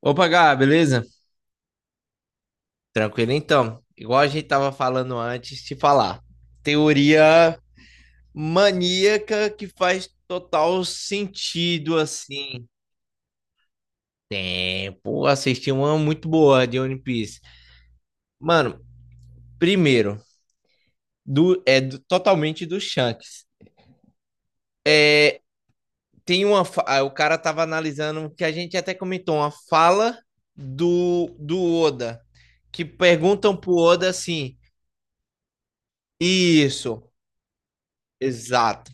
Opa, Gá, beleza? Tranquilo então. Igual a gente tava falando antes, te falar. Teoria maníaca que faz total sentido, assim. É, pô, assisti uma muito boa de One Piece. Mano, primeiro, totalmente do Shanks. Tem uma. O cara tava analisando que a gente até comentou uma fala do Oda. Que perguntam pro Oda assim: isso. Exato.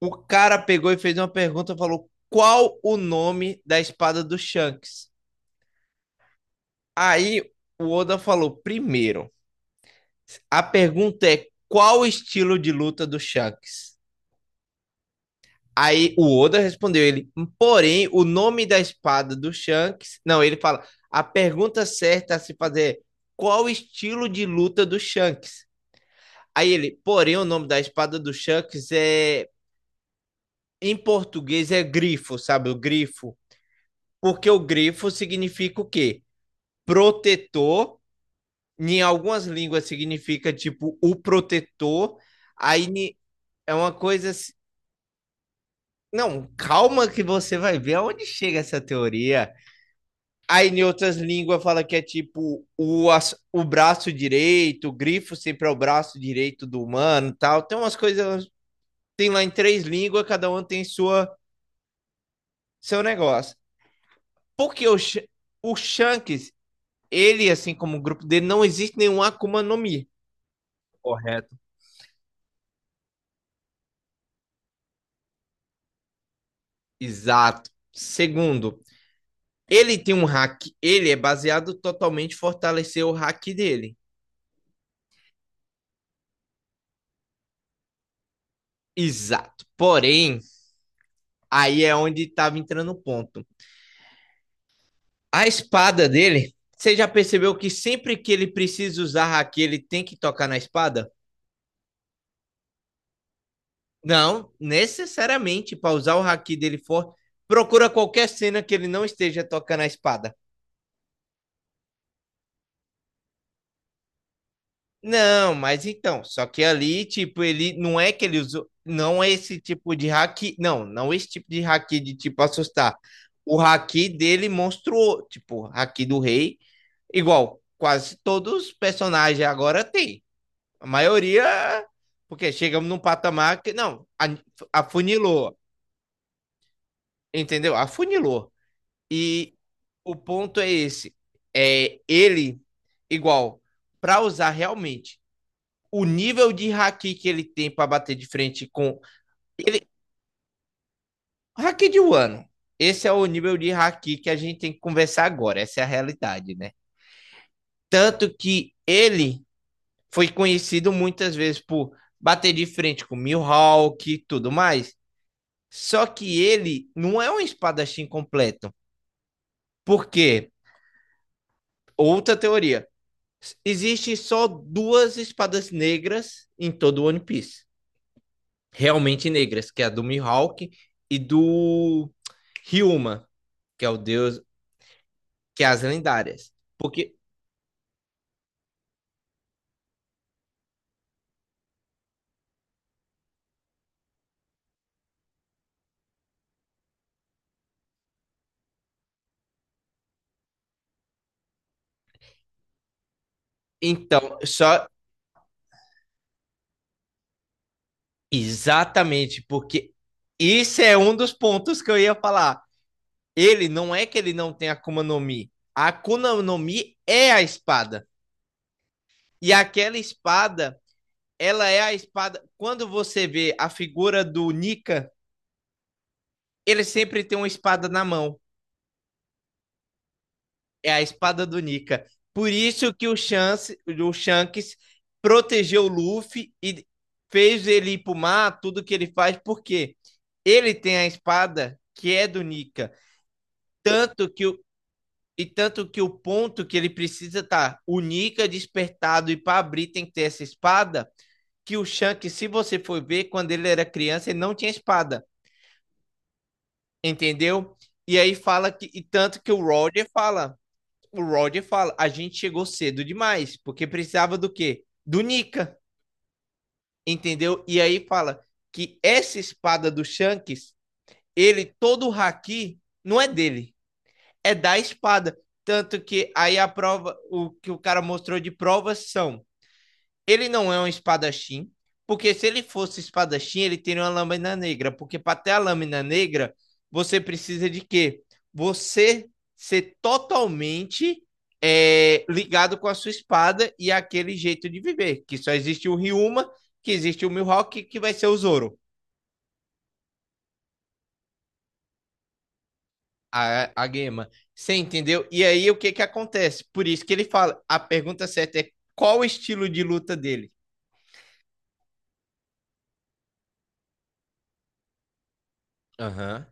O cara pegou e fez uma pergunta, falou qual o nome da espada do Shanks. Aí o Oda falou: primeiro, a pergunta é qual o estilo de luta do Shanks? Aí o Oda respondeu ele, porém, o nome da espada do Shanks. Não, ele fala: a pergunta certa a se fazer é qual o estilo de luta do Shanks? Aí ele, porém, o nome da espada do Shanks é. Em português é grifo, sabe? O grifo. Porque o grifo significa o quê? Protetor, em algumas línguas significa tipo o protetor, aí é uma coisa assim. Não, calma que você vai ver aonde chega essa teoria. Aí em outras línguas fala que é tipo o braço direito, o grifo sempre é o braço direito do humano, e tal. Tem umas coisas, tem lá em três línguas, cada um tem sua seu negócio. Porque o Shanks, ele assim como o grupo dele não existe nenhum Akuma no Mi. Correto. Exato. Segundo, ele tem um hack, ele é baseado totalmente em fortalecer o hack dele. Exato. Porém, aí é onde estava entrando o ponto. A espada dele, você já percebeu que sempre que ele precisa usar hack, ele tem que tocar na espada? Não, necessariamente para usar o hack dele forte, procura qualquer cena que ele não esteja tocando a espada. Não, mas então, só que ali, tipo, ele não é que ele usou, não é esse tipo de haki, não esse tipo de haki de tipo assustar. O haki dele monstruou, tipo, haki do rei, igual quase todos os personagens agora tem. A maioria, porque chegamos num patamar que não, a- afunilou, entendeu? Afunilou. E o ponto é esse, é ele igual para usar realmente o nível de haki que ele tem para bater de frente com. Ele... haki de Wano. Esse é o nível de haki que a gente tem que conversar agora. Essa é a realidade, né? Tanto que ele foi conhecido muitas vezes por bater de frente com Mihawk e tudo mais. Só que ele não é um espadachim completo. Porque, outra teoria, existem só duas espadas negras em todo o One Piece. Realmente negras, que é a do Mihawk e do Ryuma, que é o deus, que é as lendárias. Porque, então, só exatamente, porque isso é um dos pontos que eu ia falar. Ele não é que ele não tem Akuma no Mi. A Akuma no Mi é a espada. E aquela espada, ela é a espada. Quando você vê a figura do Nika, ele sempre tem uma espada na mão. É a espada do Nika. Por isso que o Shanks protegeu o Luffy e fez ele ir pro mar, tudo que ele faz, porque ele tem a espada que é do Nika. Tanto que o, e tanto que o ponto que ele precisa tá o Nika despertado e para abrir tem que ter essa espada, que o Shanks, se você for ver, quando ele era criança, ele não tinha espada, entendeu? E aí fala que e tanto que o Roger fala, o Roger fala, a gente chegou cedo demais, porque precisava do quê? Do Nika, entendeu? E aí fala que essa espada do Shanks, ele, todo o haki, não é dele, é da espada. Tanto que aí a prova, o que o cara mostrou de provas são ele não é um espadachim, porque se ele fosse espadachim, ele teria uma lâmina negra. Porque para ter a lâmina negra, você precisa de quê? Você ser totalmente é, ligado com a sua espada e aquele jeito de viver. Que só existe o Ryuma, que existe o Mihawk, que vai ser o Zoro, a Gema. Você entendeu? E aí o que, que acontece? Por isso que ele fala: a pergunta certa é qual o estilo de luta dele? Aham. Uhum.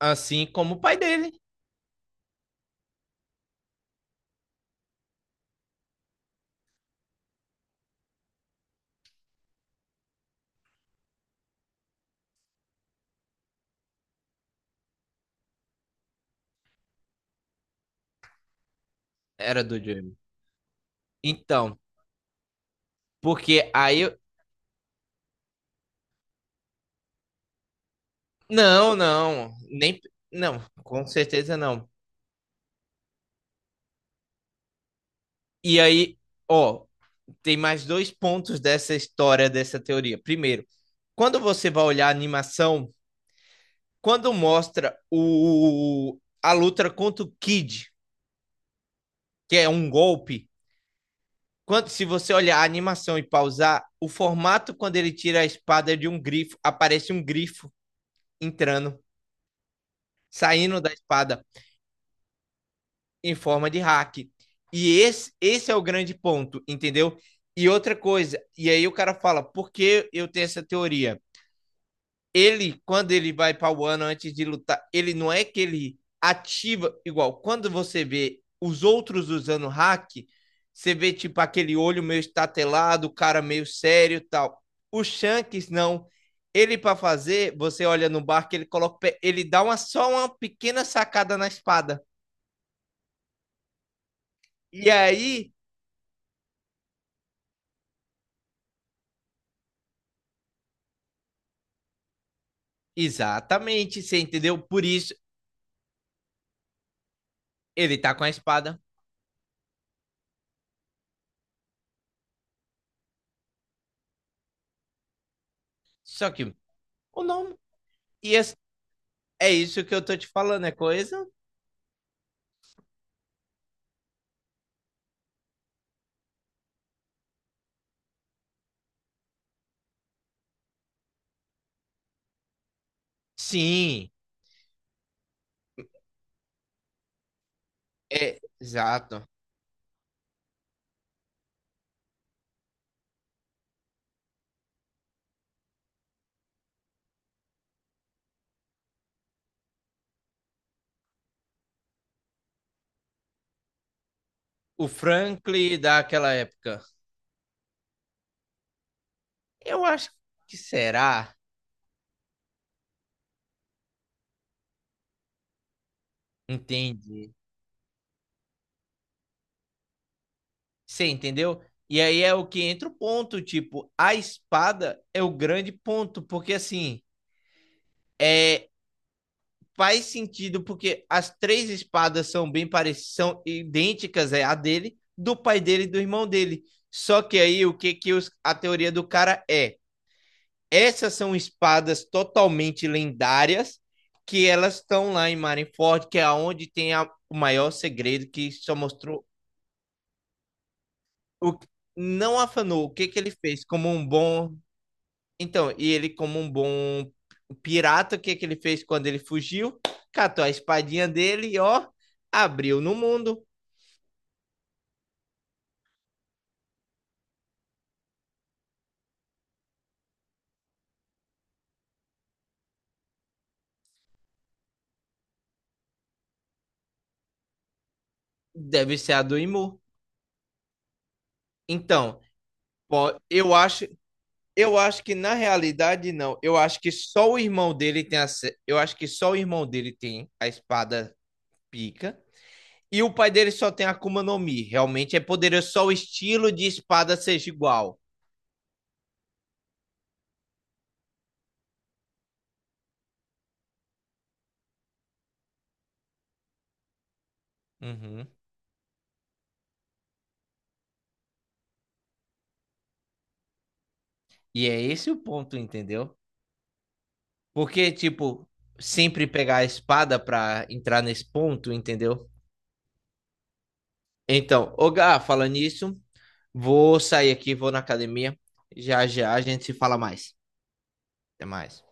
Assim como o pai dele era do Joey. Então, porque aí eu... Não, não, nem... Não, com certeza não. E aí, ó, tem mais dois pontos dessa história, dessa teoria. Primeiro, quando você vai olhar a animação, quando mostra o... a luta contra o Kid, que é um golpe, quando se você olhar a animação e pausar, o formato quando ele tira a espada é de um grifo, aparece um grifo entrando, saindo da espada. Em forma de hack. E esse é o grande ponto, entendeu? E outra coisa, e aí o cara fala, por que eu tenho essa teoria? Ele, quando ele vai para o ano antes de lutar, ele não é que ele ativa igual. Quando você vê os outros usando hack, você vê tipo aquele olho meio estatelado, o cara meio sério e tal. O Shanks não. Ele para fazer, você olha no barco, ele coloca, o pé, ele dá uma só uma pequena sacada na espada. E aí exatamente, você entendeu? Por isso ele tá com a espada. Só que o nome. E é, é isso que eu tô te falando, é coisa? Sim, é exato. O Franklin daquela época. Eu acho que será, entende? Você entendeu? E aí é o que entra o ponto, tipo, a espada é o grande ponto, porque assim, é faz sentido porque as três espadas são bem parecidas, são idênticas é a dele, do pai dele e do irmão dele. Só que aí o que que os, a teoria do cara é? Essas são espadas totalmente lendárias que elas estão lá em Marineford, que é onde tem a, o maior segredo que só mostrou o não afanou o que que ele fez como um bom. Então, e ele, como um bom pirata, o que que ele fez quando ele fugiu? Catou a espadinha dele e, ó, abriu no mundo. Deve ser a do Imu. Então, pô, eu acho que na realidade não. Eu acho que só o irmão dele tem a, se- eu acho que só o irmão dele tem a espada pica. E o pai dele só tem a Akuma no Mi. Realmente é poderoso só o estilo de espada seja igual. Uhum. E é esse o ponto, entendeu? Porque, tipo, sempre pegar a espada pra entrar nesse ponto, entendeu? Então, ô Gá, falando nisso, vou sair aqui, vou na academia. Já já a gente se fala mais. Até mais.